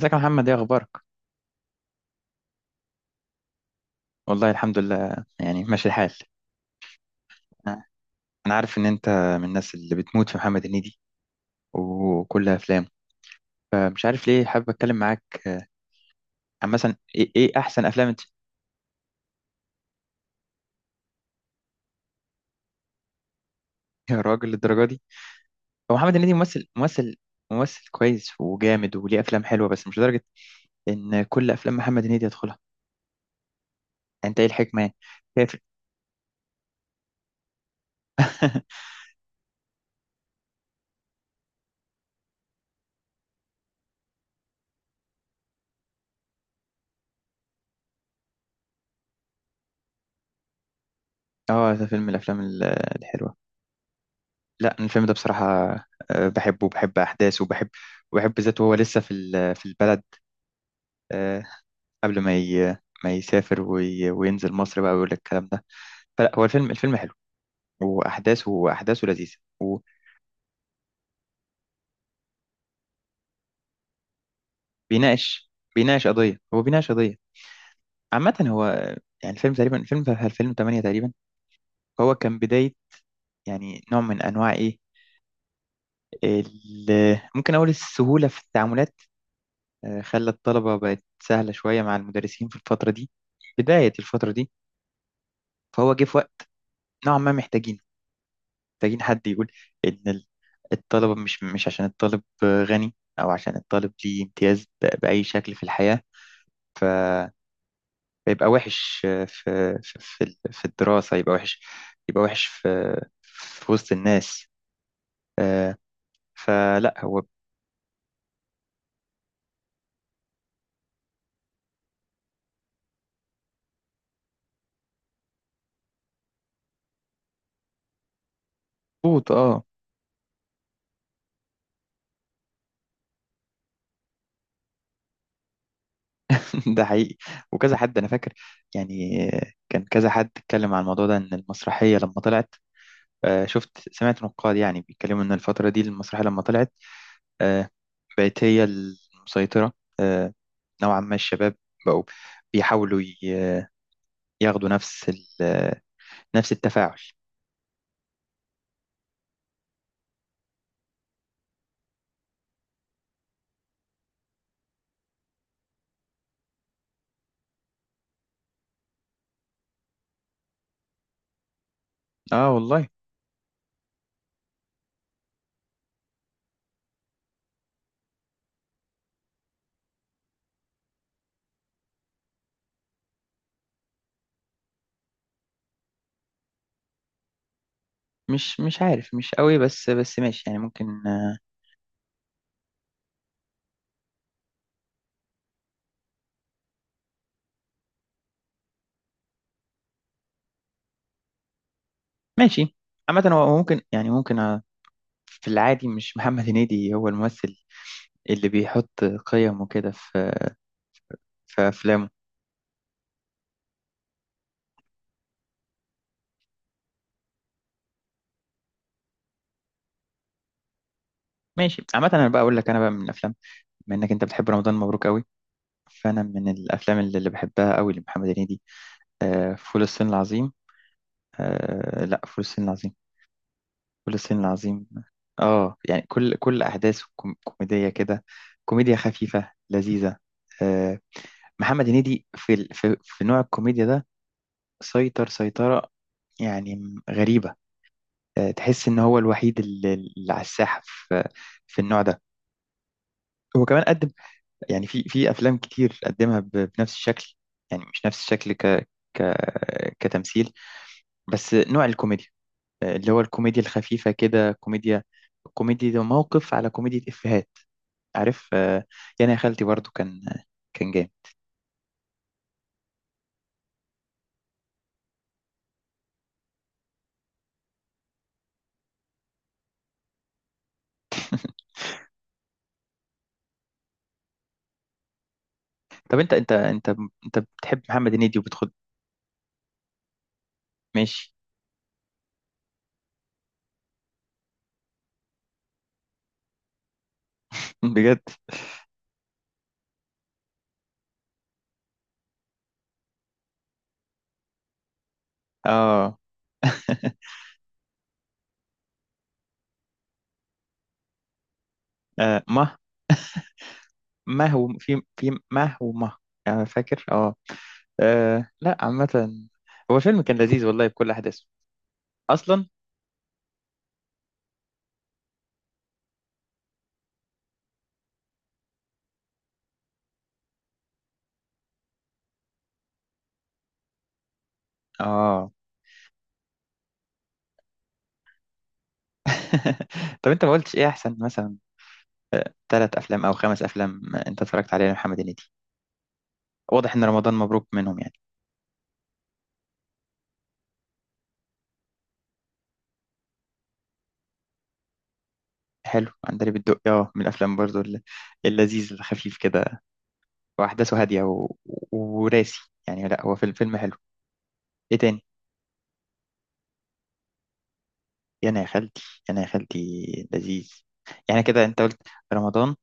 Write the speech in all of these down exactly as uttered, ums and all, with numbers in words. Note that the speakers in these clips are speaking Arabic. ازيك يا محمد؟ ايه اخبارك؟ والله الحمد لله يعني ماشي الحال. انا عارف ان انت من الناس اللي بتموت في محمد هنيدي وكل افلامه، فمش عارف ليه حابب اتكلم معاك عن مثلا ايه, إيه احسن افلام انت؟ يا راجل، للدرجه دي؟ هو محمد هنيدي ممثل ممثل ممثل كويس وجامد وليه افلام حلوه، بس مش لدرجه ان كل افلام محمد هنيدي يدخلها. انت ايه الحكمه يعني؟ شايف- اه، ده فيلم من الافلام ال- الحلوه. لا، أنا الفيلم ده بصراحه آه، بحبه وبحب احداثه وبحب وبحب ذاته وهو لسه في ال- في البلد، آه، قبل ما ي... ما يسافر وي... وينزل مصر بقى ويقول لك الكلام ده. فلا، هو الفيلم الفيلم حلو، واحداثه واحداثه لذيذه. وبيناقش بيناقش قضيه، هو بيناقش قضيه عامه. هو يعني الفيلم تقريبا، الفيلم الفيلم تمانية تقريبا، هو كان بدايه يعني نوع من انواع ايه، ال- ممكن اقول السهوله في التعاملات، آه، خلى الطلبه بقت سهله شويه مع المدرسين في الفتره دي، بدايه الفتره دي. فهو جه في وقت نوعا ما محتاجين، محتاجين حد يقول إن ال- الطلبة مش مش عشان الطالب غني أو عشان الطالب ليه امتياز ب- بأي شكل في الحياة، ف- فيبقى وحش في في في ال- في الدراسة، يبقى وحش، يبقى وحش في في وسط الناس، آه، فلا هو. مظبوط، اه. ده حقيقي، وكذا حد أنا فاكر يعني. آه، كان كذا حد اتكلم عن الموضوع ده إن المسرحية لما طلعت، آه، شفت سمعت نقاد يعني بيتكلموا إن الفترة دي المسرحية لما طلعت، آه، بقت هي المسيطرة، آه، نوعا ما الشباب بقوا بيحاولوا ي- ياخدوا نفس ال- نفس التفاعل. اه والله. مش مش عارف، مش قوي، بس بس ماشي يعني ممكن، آه، ماشي. عامة هو ممكن يعني، ممكن آه، في العادي مش محمد هنيدي هو الممثل اللي بيحط قيم وكده في في أفلامه. ماشي، عامة أنا بقى أقول لك، أنا بقى من الأفلام، بما إنك أنت بتحب رمضان مبروك قوي، فأنا من الأفلام اللي اللي بحبها قوي لمحمد هنيدي، آه، فول الصين العظيم. آه لا، فول الصين العظيم. فول الصين العظيم، اه، يعني كل كل احداثه كوم- كوميديه كده، كوميديا خفيفه لذيذه. آه، محمد هنيدي في ال- في في نوع الكوميديا ده سيطر سيطره يعني، م- غريبه. آه، تحس ان هو الوحيد اللي اللي على الساحه في في النوع ده. هو كمان قدم يعني في في افلام كتير قدمها ب- بنفس الشكل، يعني مش نفس الشكل ك ك كتمثيل، بس نوع الكوميديا، آه، اللي هو الكوميديا الخفيفة كده، كوميديا، كوميديا ده موقف على كوميديا إفيهات، عارف. آه، يعني يا خالتي برضو كان كان جامد. طب انت انت انت انت بتحب محمد هنيدي وبتخد. ماشي. بجد؟ اه. آه، مه ما هو في في، ما هو ما، يعني فاكر اه. آه، لا عامة هو فيلم كان لذيذ والله بكل أحداثه أصلا. اه. طب انت ما قلتش ايه أحسن مثلا ثلاث أفلام أو خمس أفلام أنت اتفرجت عليها لمحمد هنيدي؟ واضح ان رمضان مبروك منهم يعني. حلو، عندليب الدقي، اه، من الافلام برضو الل- اللذيذ الخفيف كده، واحداثه هاديه و... و- وراسي، يعني لا، هو فيلم، فيلم حلو. ايه تاني؟ يا انا يا خالتي، يا انا يا خالتي لذيذ. يعني كده انت قلت رمضان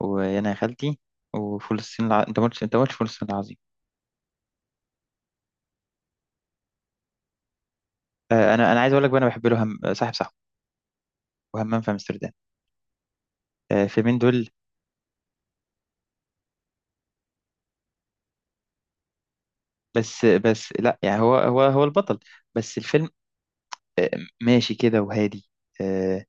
ويا انا يا خالتي وفول الصين الع... انت ما قلتش، انت ما قلتش فول الصين العظيم. آه، انا انا عايز اقول لك بقى، انا بحب له هم... صاحب صاحبه وهمام في امستردام، آه، فيلمين دول. بس بس لا، يعني هو هو هو البطل، بس الفيلم آه ماشي كده وهادي، آه،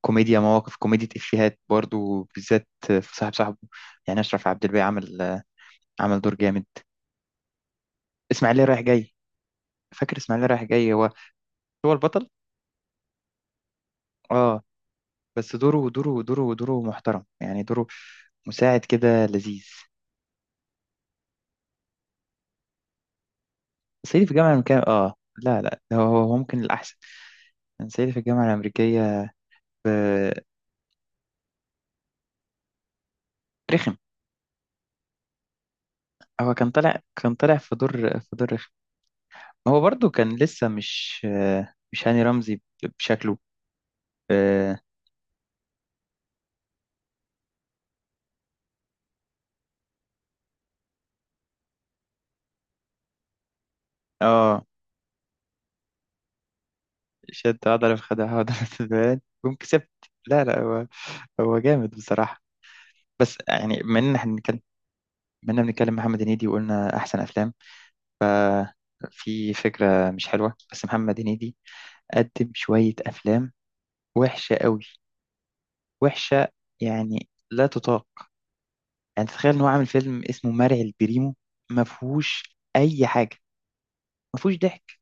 كوميديا مواقف، كوميديا إفيهات برضو، بالذات في صاحب صاحبه. يعني أشرف عبد الباقي عمل عمل دور جامد. إسماعيلية رايح جاي، فاكر إسماعيلية رايح جاي؟ هو هو البطل، اه، بس دوره، دوره دوره دوره محترم، يعني دوره مساعد كده لذيذ. صعيدي في الجامعة الأمريكية، اه، لا لا، هو هو ممكن الأحسن كان صعيدي في الجامعة الأمريكية. ب- رخم، هو كان طالع، كان طالع في دور، في دور رخم. هو برضو كان لسه مش مش هاني رمزي بشكله، اه. آه، شد عضلة في خدع عضلة في البيان، قوم كسبت. لا لا، هو هو جامد بصراحة. بس يعني من ان احنا بنتكلم، منا بنتكلم محمد هنيدي وقلنا احسن افلام، في فكرة مش حلوة، بس محمد هنيدي قدم شوية افلام وحشة قوي، وحشة يعني لا تطاق. يعني تتخيل ان هو عامل فيلم اسمه مرعي البريمو؟ ما فيهوش اي حاجة، ما فيهوش ضحك.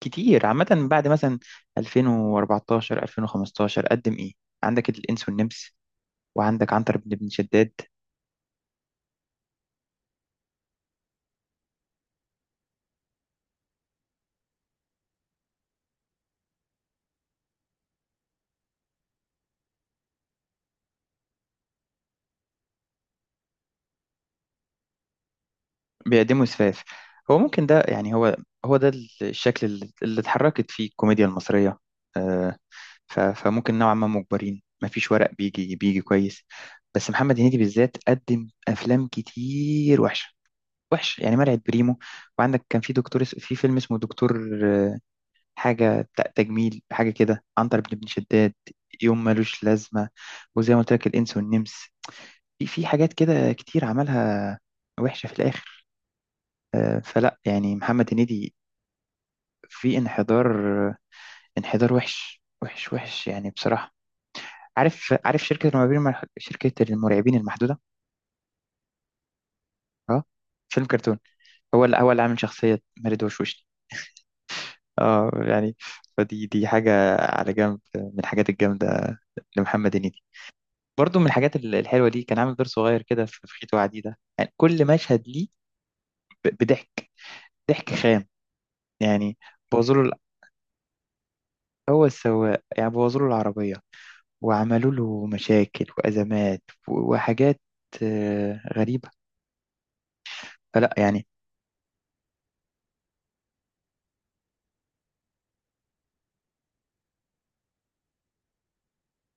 كتير، عامة، من بعد مثلا ألفين واربعتاشر ألفين وخمستاشر قدم ايه؟ عندك الانس والنمس، وعندك عنتر بن ابن شداد. بيقدموا اسفاف. هو ممكن ده يعني، هو هو ده الشكل اللي اللي اتحركت فيه الكوميديا المصرية، آه، ف- فممكن نوعا ما مجبرين، مفيش ورق بيجي بيجي كويس. بس محمد هنيدي بالذات قدم افلام كتير وحشة، وحش يعني مرعي بريمو، وعندك كان في دكتور اس- في فيلم اسمه دكتور، آه، حاجة ت- تجميل حاجة كده، عنتر بن ابن شداد، يوم ملوش لازمة، وزي ما قلت لك الإنس والنمس، في في حاجات كده كتير عملها وحشة في الآخر، آه، فلا يعني محمد هنيدي في انحدار. انحدار وحش وحش وحش يعني بصراحة. عارف، عارف شركة المرعبين المح- شركة المرعبين المحدودة؟ اه، فيلم كرتون، هو اللي، هو اللي عامل شخصية مارد وشوشني، اه. يعني فدي، دي حاجة على جنب من الحاجات الجامدة لمحمد هنيدي. برضه من الحاجات ال- الحلوة دي كان عامل دور صغير كده في في خيط وعديدة، يعني كل مشهد ليه ب- بضحك، ضحك خام يعني. بوظوا له ال- هو السواق يعني، بوظوا له العربية وعملوا له مشاكل وأزمات و- وحاجات آه، غريبة، فلا يعني.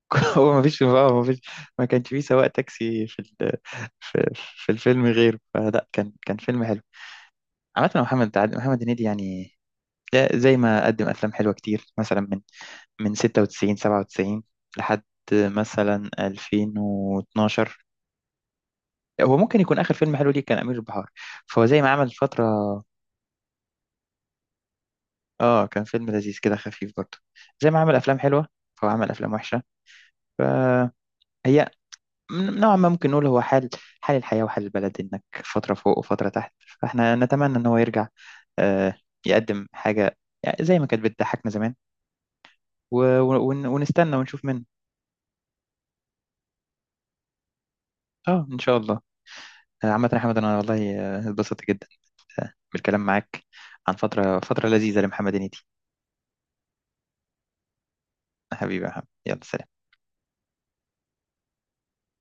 هو ما فيش ما فيش، ما كانش فيه سواق تاكسي في ال- في, في الفيلم غيره، فلا كان كان فيلم حلو. عامة يا محمد، عاد- محمد هنيدي يعني ده زي ما قدم أفلام حلوة كتير مثلا من من ستة وتسعين سبعة وتسعين لحد مثلا ألفين واتناشر، هو ممكن يكون آخر فيلم حلو ليه كان أمير البحار، فهو زي ما عمل فترة. اه، كان فيلم لذيذ كده خفيف برضه. زي ما عمل افلام حلوه فهو عمل افلام وحشه. فهي م- نوعا ما ممكن نقول، هو حال، حال الحياه وحال البلد، انك فتره فوق وفتره تحت. فاحنا نتمنى ان هو يرجع، آه، يقدم حاجه يعني زي ما كانت بتضحكنا زمان و... و... ون- ونستنى ونشوف منه. اه ان شاء الله. آه، عامه يا احمد، انا والله آه، اتبسطت جدا، آه، بالكلام معاك عن فتره، فتره لذيذه لمحمد هنيدي. حبيبي يا محمد، يلا سلام.